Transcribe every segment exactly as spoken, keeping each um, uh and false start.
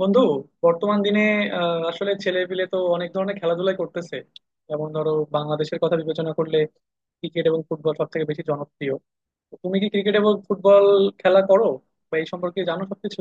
বন্ধু, বর্তমান দিনে আহ, আসলে ছেলে পিলে তো অনেক ধরনের খেলাধুলাই করতেছে। যেমন ধরো, বাংলাদেশের কথা বিবেচনা করলে ক্রিকেট এবং ফুটবল সব থেকে বেশি জনপ্রিয়। তো তুমি কি ক্রিকেট এবং ফুটবল খেলা করো বা এই সম্পর্কে জানো সবকিছু?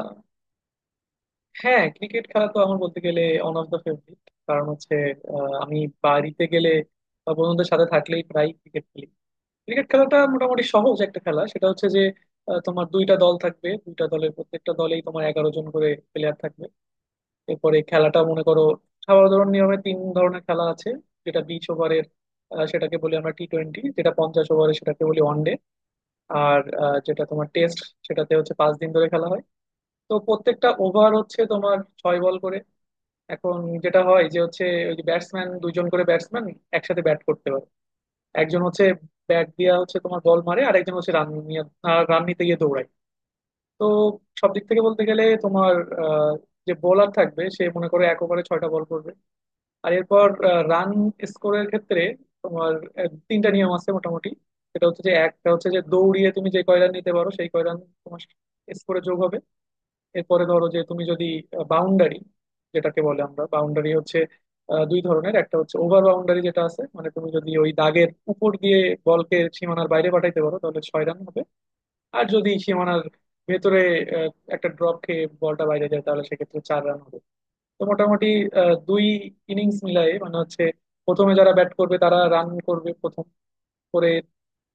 আহ, হ্যাঁ, ক্রিকেট খেলা তো আমার বলতে গেলে ওয়ান অফ দ্য ফেভারিট। কারণ হচ্ছে আহ, আমি বাড়িতে গেলে বা বন্ধুদের সাথে থাকলেই প্রায় ক্রিকেট খেলি। ক্রিকেট খেলাটা মোটামুটি সহজ একটা খেলা। সেটা হচ্ছে যে আহ, তোমার দুইটা দল থাকবে, দুইটা দলের প্রত্যেকটা দলেই তোমার এগারো জন করে প্লেয়ার থাকবে। এরপরে খেলাটা মনে করো সাধারণ নিয়মে তিন ধরনের খেলা আছে। যেটা বিশ ওভারের, সেটাকে বলি আমরা টি টোয়েন্টি; যেটা পঞ্চাশ ওভারের সেটাকে বলি ওয়ানডে; আর আহ, যেটা তোমার টেস্ট সেটাতে হচ্ছে পাঁচ দিন ধরে খেলা হয়। তো প্রত্যেকটা ওভার হচ্ছে তোমার ছয় বল করে। এখন যেটা হয় যে হচ্ছে ওই যে ব্যাটসম্যান, দুইজন করে ব্যাটসম্যান একসাথে ব্যাট করতে পারে। একজন হচ্ছে ব্যাট দিয়া হচ্ছে তোমার বল মারে, আর একজন হচ্ছে রান নিয়ে, রান নিতে গিয়ে দৌড়ায়। তো সব দিক থেকে বলতে গেলে তোমার আহ, যে বোলার থাকবে সে মনে করো এক ওভারে ছয়টা বল করবে। আর এরপর রান স্কোরের ক্ষেত্রে তোমার আহ, তিনটা নিয়ম আছে মোটামুটি। সেটা হচ্ছে যে একটা হচ্ছে যে দৌড়িয়ে তুমি যে কয় রান নিতে পারো সেই কয় রান তোমার স্কোরে যোগ হবে। এরপরে ধরো যে তুমি যদি বাউন্ডারি, যেটাকে বলে আমরা বাউন্ডারি হচ্ছে আহ, দুই ধরনের, একটা হচ্ছে ওভার বাউন্ডারি, যেটা আছে মানে তুমি যদি ওই দাগের উপর দিয়ে বলকে সীমানার বাইরে পাঠাইতে পারো তাহলে ছয় রান হবে। আর যদি সীমানার ভেতরে আহ, একটা ড্রপ খেয়ে বলটা বাইরে যায় তাহলে সেক্ষেত্রে চার রান হবে। তো মোটামুটি আহ, দুই ইনিংস মিলাই মানে হচ্ছে প্রথমে যারা ব্যাট করবে তারা রান করবে প্রথম করে,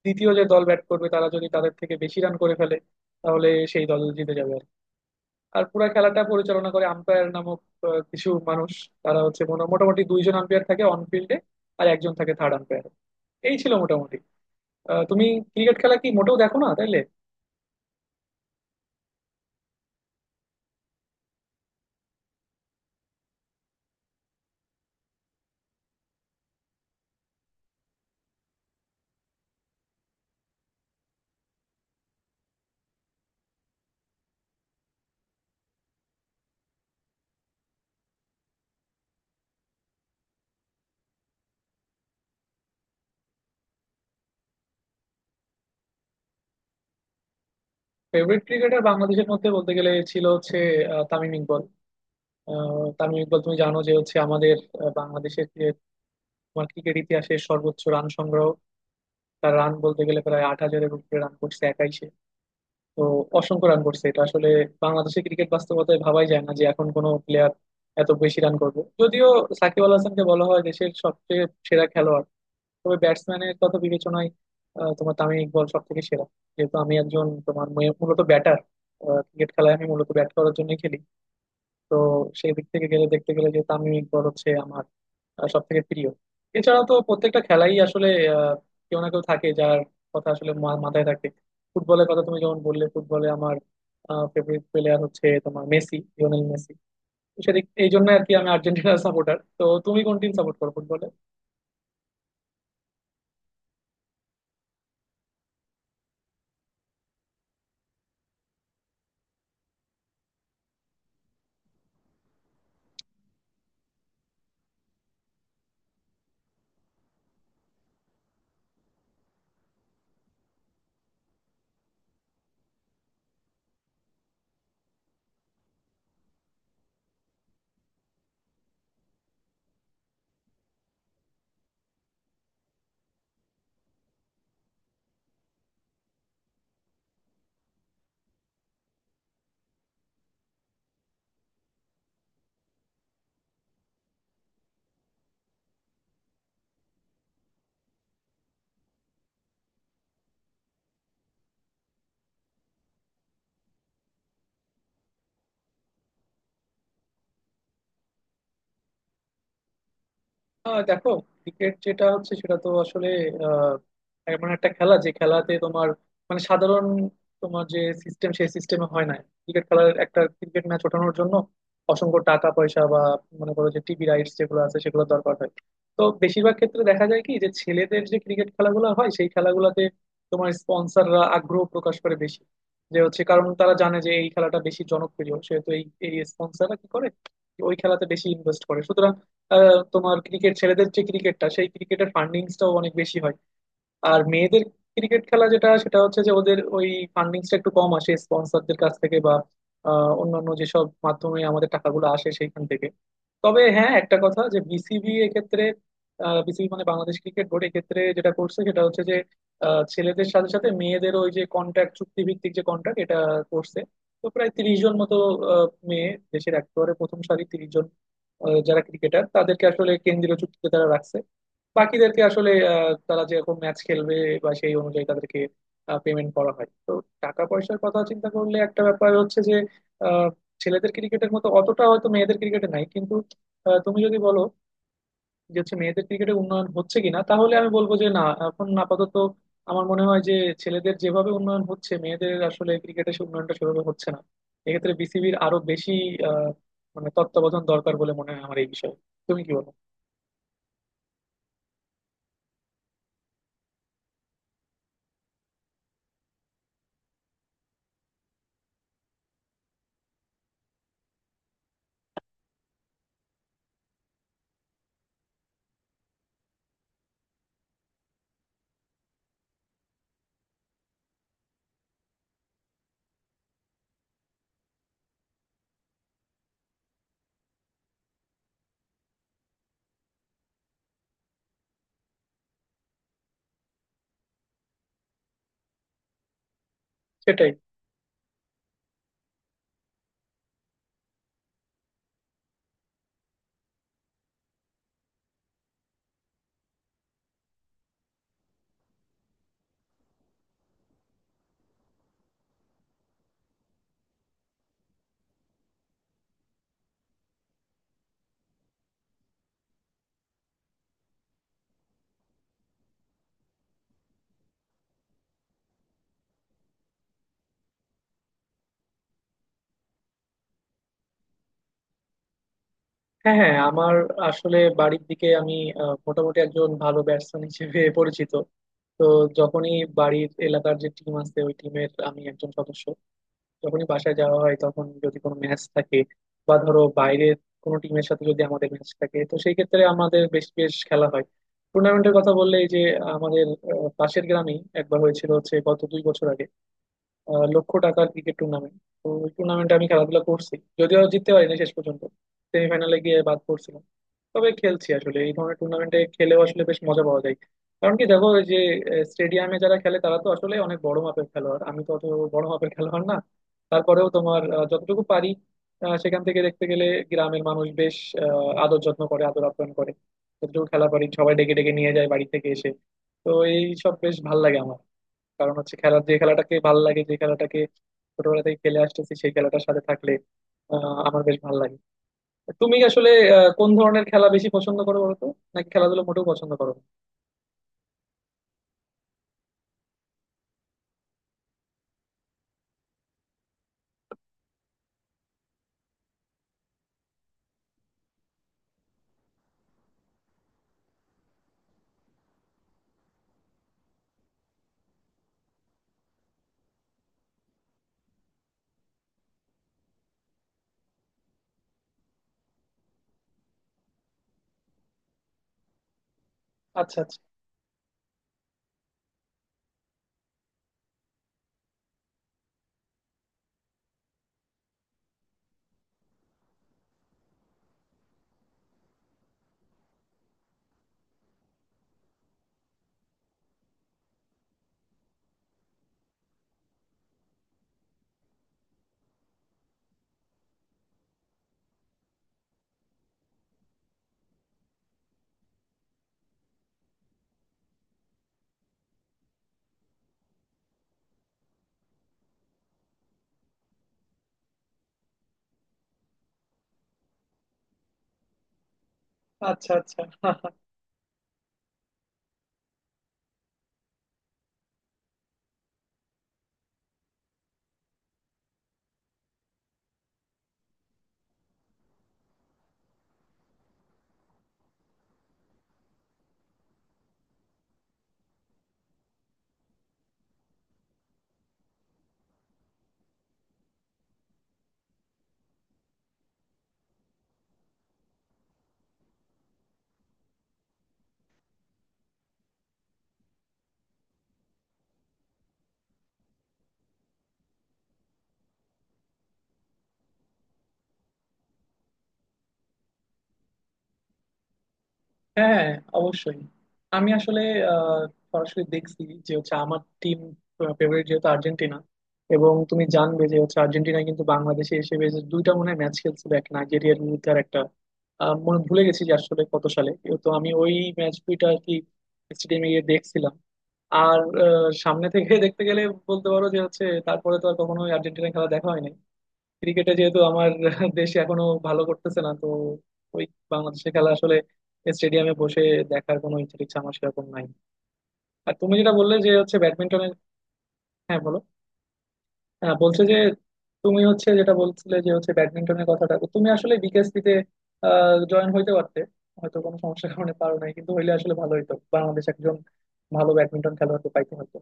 দ্বিতীয় যে দল ব্যাট করবে তারা যদি তাদের থেকে বেশি রান করে ফেলে তাহলে সেই দল জিতে যাবে আর কি। আর পুরা খেলাটা পরিচালনা করে আম্পায়ার নামক আহ, কিছু মানুষ। তারা হচ্ছে মোটা- মোটামুটি দুইজন আম্পায়ার থাকে অন ফিল্ডে, আর একজন থাকে থার্ড আম্পায়ার। এই ছিল মোটামুটি। আহ, তুমি ক্রিকেট খেলা কি মোটেও দেখো না তাইলে? ফেভারিট ক্রিকেটার বাংলাদেশের মধ্যে বলতে গেলে ছিল হচ্ছে আহ, তামিম ইকবল। আহ, তামিম ইকবল, তুমি জানো যে হচ্ছে আমাদের আহ, বাংলাদেশের তোমার ক্রিকেট ইতিহাসের সর্বোচ্চ রান সংগ্রহ। তার রান বলতে গেলে প্রায় আট হাজারের উপরে রান করছে একাই সে। তো অসংখ্য রান করছে। এটা আসলে বাংলাদেশের ক্রিকেট বাস্তবতায় ভাবাই যায় না যে এখন কোনো প্লেয়ার এত বেশি রান করবে। যদিও সাকিব আল হাসানকে বলা হয় দেশের সবচেয়ে সেরা খেলোয়াড়, তবে ব্যাটসম্যানের কথা বিবেচনায় আহ, তোমার তামিম ইকবল সব থেকে সেরা। যেহেতু আমি একজন তোমার মূলত ব্যাটার, ক্রিকেট খেলায় আমি মূলত ব্যাট করার জন্যই খেলি। তো সেই দিক থেকে গেলে দেখতে গেলে যে তামিম ইকবল হচ্ছে আমার সব থেকে প্রিয়। এছাড়া তো প্রত্যেকটা খেলাই আসলে আহ, কেউ না কেউ থাকে যার কথা আসলে মা- মাথায় থাকে। ফুটবলের কথা তুমি যেমন বললে, ফুটবলে আমার ফেভারিট প্লেয়ার হচ্ছে তোমার মেসি, লিওনেল মেসি। তো সেদিক এই জন্য আর কি, আমি আর্জেন্টিনার সাপোর্টার। তো তুমি কোন টিম সাপোর্ট করো ফুটবলে? আহ, দেখো, ক্রিকেট যেটা হচ্ছে সেটা তো আসলে আহ, এমন একটা খেলা যে খেলাতে তোমার মানে সাধারণ তোমার যে সিস্টেম সেই সিস্টেমে হয় না। ক্রিকেট খেলার একটা ক্রিকেট ম্যাচ ওঠানোর জন্য অসংখ্য টাকা পয়সা বা মনে করো যে টিভি রাইটস যেগুলো আছে সেগুলো দরকার হয়। তো বেশিরভাগ ক্ষেত্রে দেখা যায় কি যে ছেলেদের যে ক্রিকেট খেলাগুলো হয় সেই খেলাগুলোতে তোমার স্পন্সররা আগ্রহ প্রকাশ করে বেশি। যে হচ্ছে কারণ তারা জানে যে এই খেলাটা বেশি জনপ্রিয়, সেহেতু এই এই স্পন্সররা কি করে ওই খেলাতে বেশি ইনভেস্ট করে। আহ, তোমার ক্রিকেট ছেলেদের যে ক্রিকেটটা সেই ক্রিকেটের ফান্ডিংসটাও অনেক বেশি হয়। আর মেয়েদের ক্রিকেট খেলা যেটা সেটা হচ্ছে যে ওদের ওই ফান্ডিংসটা একটু কম আসে স্পন্সরদের কাছ থেকে বা আহ, অন্যান্য যেসব মাধ্যমে আমাদের টাকাগুলো আসে সেইখান থেকে। তবে হ্যাঁ, একটা কথা যে বিসিবি এক্ষেত্রে, বিসিবি মানে বাংলাদেশ ক্রিকেট বোর্ড এক্ষেত্রে যেটা করছে সেটা হচ্ছে যে আহ, ছেলেদের সাথে সাথে মেয়েদের ওই যে কন্ট্রাক্ট, চুক্তি ভিত্তিক যে কন্ট্রাক্ট এটা করছে। তো প্রায় তিরিশ জন মতো আহ, মেয়ে দেশের একেবারে প্রথম সারি তিরিশ জন আহ, যারা ক্রিকেটার তাদেরকে আসলে কেন্দ্রীয় চুক্তিতে তারা রাখছে। বাকিদেরকে আসলে আহ, তারা যেরকম ম্যাচ খেলবে বা সেই অনুযায়ী তাদেরকে পেমেন্ট করা হয়। তো টাকা পয়সার কথা চিন্তা করলে একটা ব্যাপার হচ্ছে যে আহ, ছেলেদের ক্রিকেটের মতো অতটা হয়তো মেয়েদের ক্রিকেটে নাই। কিন্তু আহ, তুমি যদি বলো যে হচ্ছে মেয়েদের ক্রিকেটে উন্নয়ন হচ্ছে কিনা তাহলে আমি বলবো যে না, এখন আপাতত আমার মনে হয় যে ছেলেদের যেভাবে উন্নয়ন হচ্ছে মেয়েদের আসলে ক্রিকেটে সে উন্নয়নটা সেভাবে হচ্ছে না। এক্ষেত্রে বিসিবির আরো বেশি আহ, মানে তত্ত্বাবধান দরকার বলে মনে হয় আমার এই বিষয়ে। তুমি কি বলো? সেটাই। হ্যাঁ, হ্যাঁ, আমার আসলে বাড়ির দিকে আমি আহ, মোটামুটি একজন ভালো ব্যাটসম্যান হিসেবে পরিচিত। তো যখনই বাড়ির এলাকার যে টিম আছে ওই টিমের আমি একজন সদস্য। যখনই বাসায় যাওয়া হয় তখন যদি কোনো ম্যাচ থাকে বা ধরো বাইরের কোনো টিমের সাথে যদি আমাদের ম্যাচ থাকে তো সেই ক্ষেত্রে আমাদের বেশ বেশ খেলা হয়। টুর্নামেন্টের কথা বললে, এই যে আমাদের আহ, পাশের গ্রামেই একবার হয়েছিল হচ্ছে গত দুই বছর আগে আহ, লক্ষ টাকার ক্রিকেট টুর্নামেন্ট। তো ওই টুর্নামেন্টে আমি খেলাধুলা করছি, যদিও জিততে পারিনি শেষ পর্যন্ত, সেমিফাইনালে গিয়ে বাদ পড়ছিল। তবে খেলছি। আসলে এই ধরনের টুর্নামেন্টে খেলেও আসলে বেশ মজা পাওয়া যায়। কারণ কি দেখো, ওই যে স্টেডিয়ামে যারা খেলে তারা তো আসলে অনেক বড় মাপের খেলোয়াড়, আমি তো অত বড় মাপের খেলোয়াড় না। তারপরেও তোমার আহ, যতটুকু পারি আহ, সেখান থেকে দেখতে গেলে গ্রামের মানুষ বেশ আহ, আদর যত্ন করে, আদর আপ্যায়ন করে। যতটুকু খেলা পারি সবাই ডেকে ডেকে নিয়ে যায় বাড়ি থেকে এসে। তো এই সব বেশ ভাল লাগে আমার। কারণ হচ্ছে খেলা, যে খেলাটাকে ভাল লাগে, যে খেলাটাকে ছোটবেলা থেকে খেলে আসতেছি সেই খেলাটার সাথে থাকলে আহ আমার বেশ ভাল লাগে। তুমি আসলে আহ, কোন ধরনের খেলা বেশি পছন্দ করো বলো তো? নাকি খেলাধুলো মোটেও পছন্দ করো না? আচ্ছা, আচ্ছা। আচ্ছা, আচ্ছা। হ্যাঁ, হ্যাঁ, অবশ্যই। আমি আসলে আহ, সরাসরি দেখছি। যে হচ্ছে আমার টিম ফেভারিট যেহেতু আর্জেন্টিনা, এবং তুমি জানবে যে হচ্ছে আর্জেন্টিনা কিন্তু বাংলাদেশে এসে বেশ দুইটা মনে হয় ম্যাচ খেলছিল, এক নাইজেরিয়ার বিরুদ্ধে আর একটা আহ, মনে ভুলে গেছি যে আসলে কত সালে। তো আমি ওই ম্যাচ দুইটা আর কি স্টেডিয়ামে গিয়ে দেখছিলাম। আর আহ, সামনে থেকে দেখতে গেলে বলতে পারো যে হচ্ছে তারপরে তো আর কখনো আর্জেন্টিনা খেলা দেখা হয়নি। ক্রিকেটে যেহেতু আমার দেশ এখনো ভালো করতেছে না, তো ওই বাংলাদেশের খেলা আসলে স্টেডিয়ামে বসে দেখার কোনো ইচ্ছা টিচ্ছা আমার সেরকম নাই। আর তুমি যেটা বললে যে হচ্ছে ব্যাডমিন্টনের, হ্যাঁ বলো। হ্যাঁ বলছে যে তুমি হচ্ছে যেটা বলছিলে যে হচ্ছে ব্যাডমিন্টনের কথাটা, তো তুমি আসলে বিকেএসপিতে আহ, জয়েন হইতে পারতে। হয়তো কোনো সমস্যার কারণে পারো নাই, কিন্তু হইলে আসলে ভালো হইতো, বাংলাদেশ একজন ভালো ব্যাডমিন্টন খেলোয়াড়কে পাইতে হতো।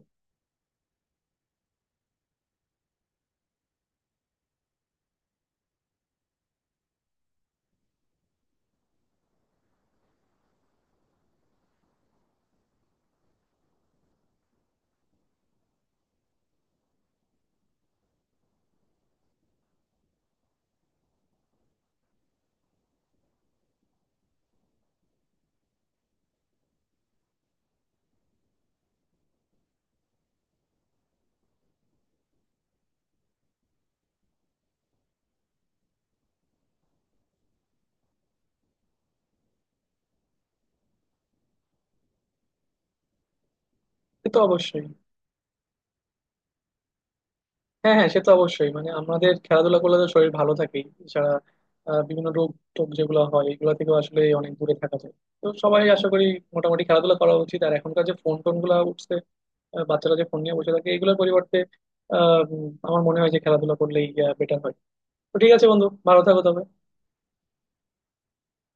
সে তো অবশ্যই। হ্যাঁ, হ্যাঁ, সে তো অবশ্যই, মানে আমাদের খেলাধুলা করলে তো শরীর ভালো থাকেই, এছাড়া আহ, বিভিন্ন রোগ টোগ যেগুলো হয় এগুলো থেকেও আসলে অনেক দূরে থাকা যায়। তো সবাই আশা করি মোটামুটি খেলাধুলা করা উচিত। আর এখনকার যে ফোন টোন গুলা উঠছে, আহ, বাচ্চারা যে ফোন নিয়ে বসে থাকে এগুলোর পরিবর্তে আহ উম, আমার মনে হয় যে খেলাধুলা করলেই বেটার হয়। তো ঠিক আছে বন্ধু, ভালো থাকো তবে।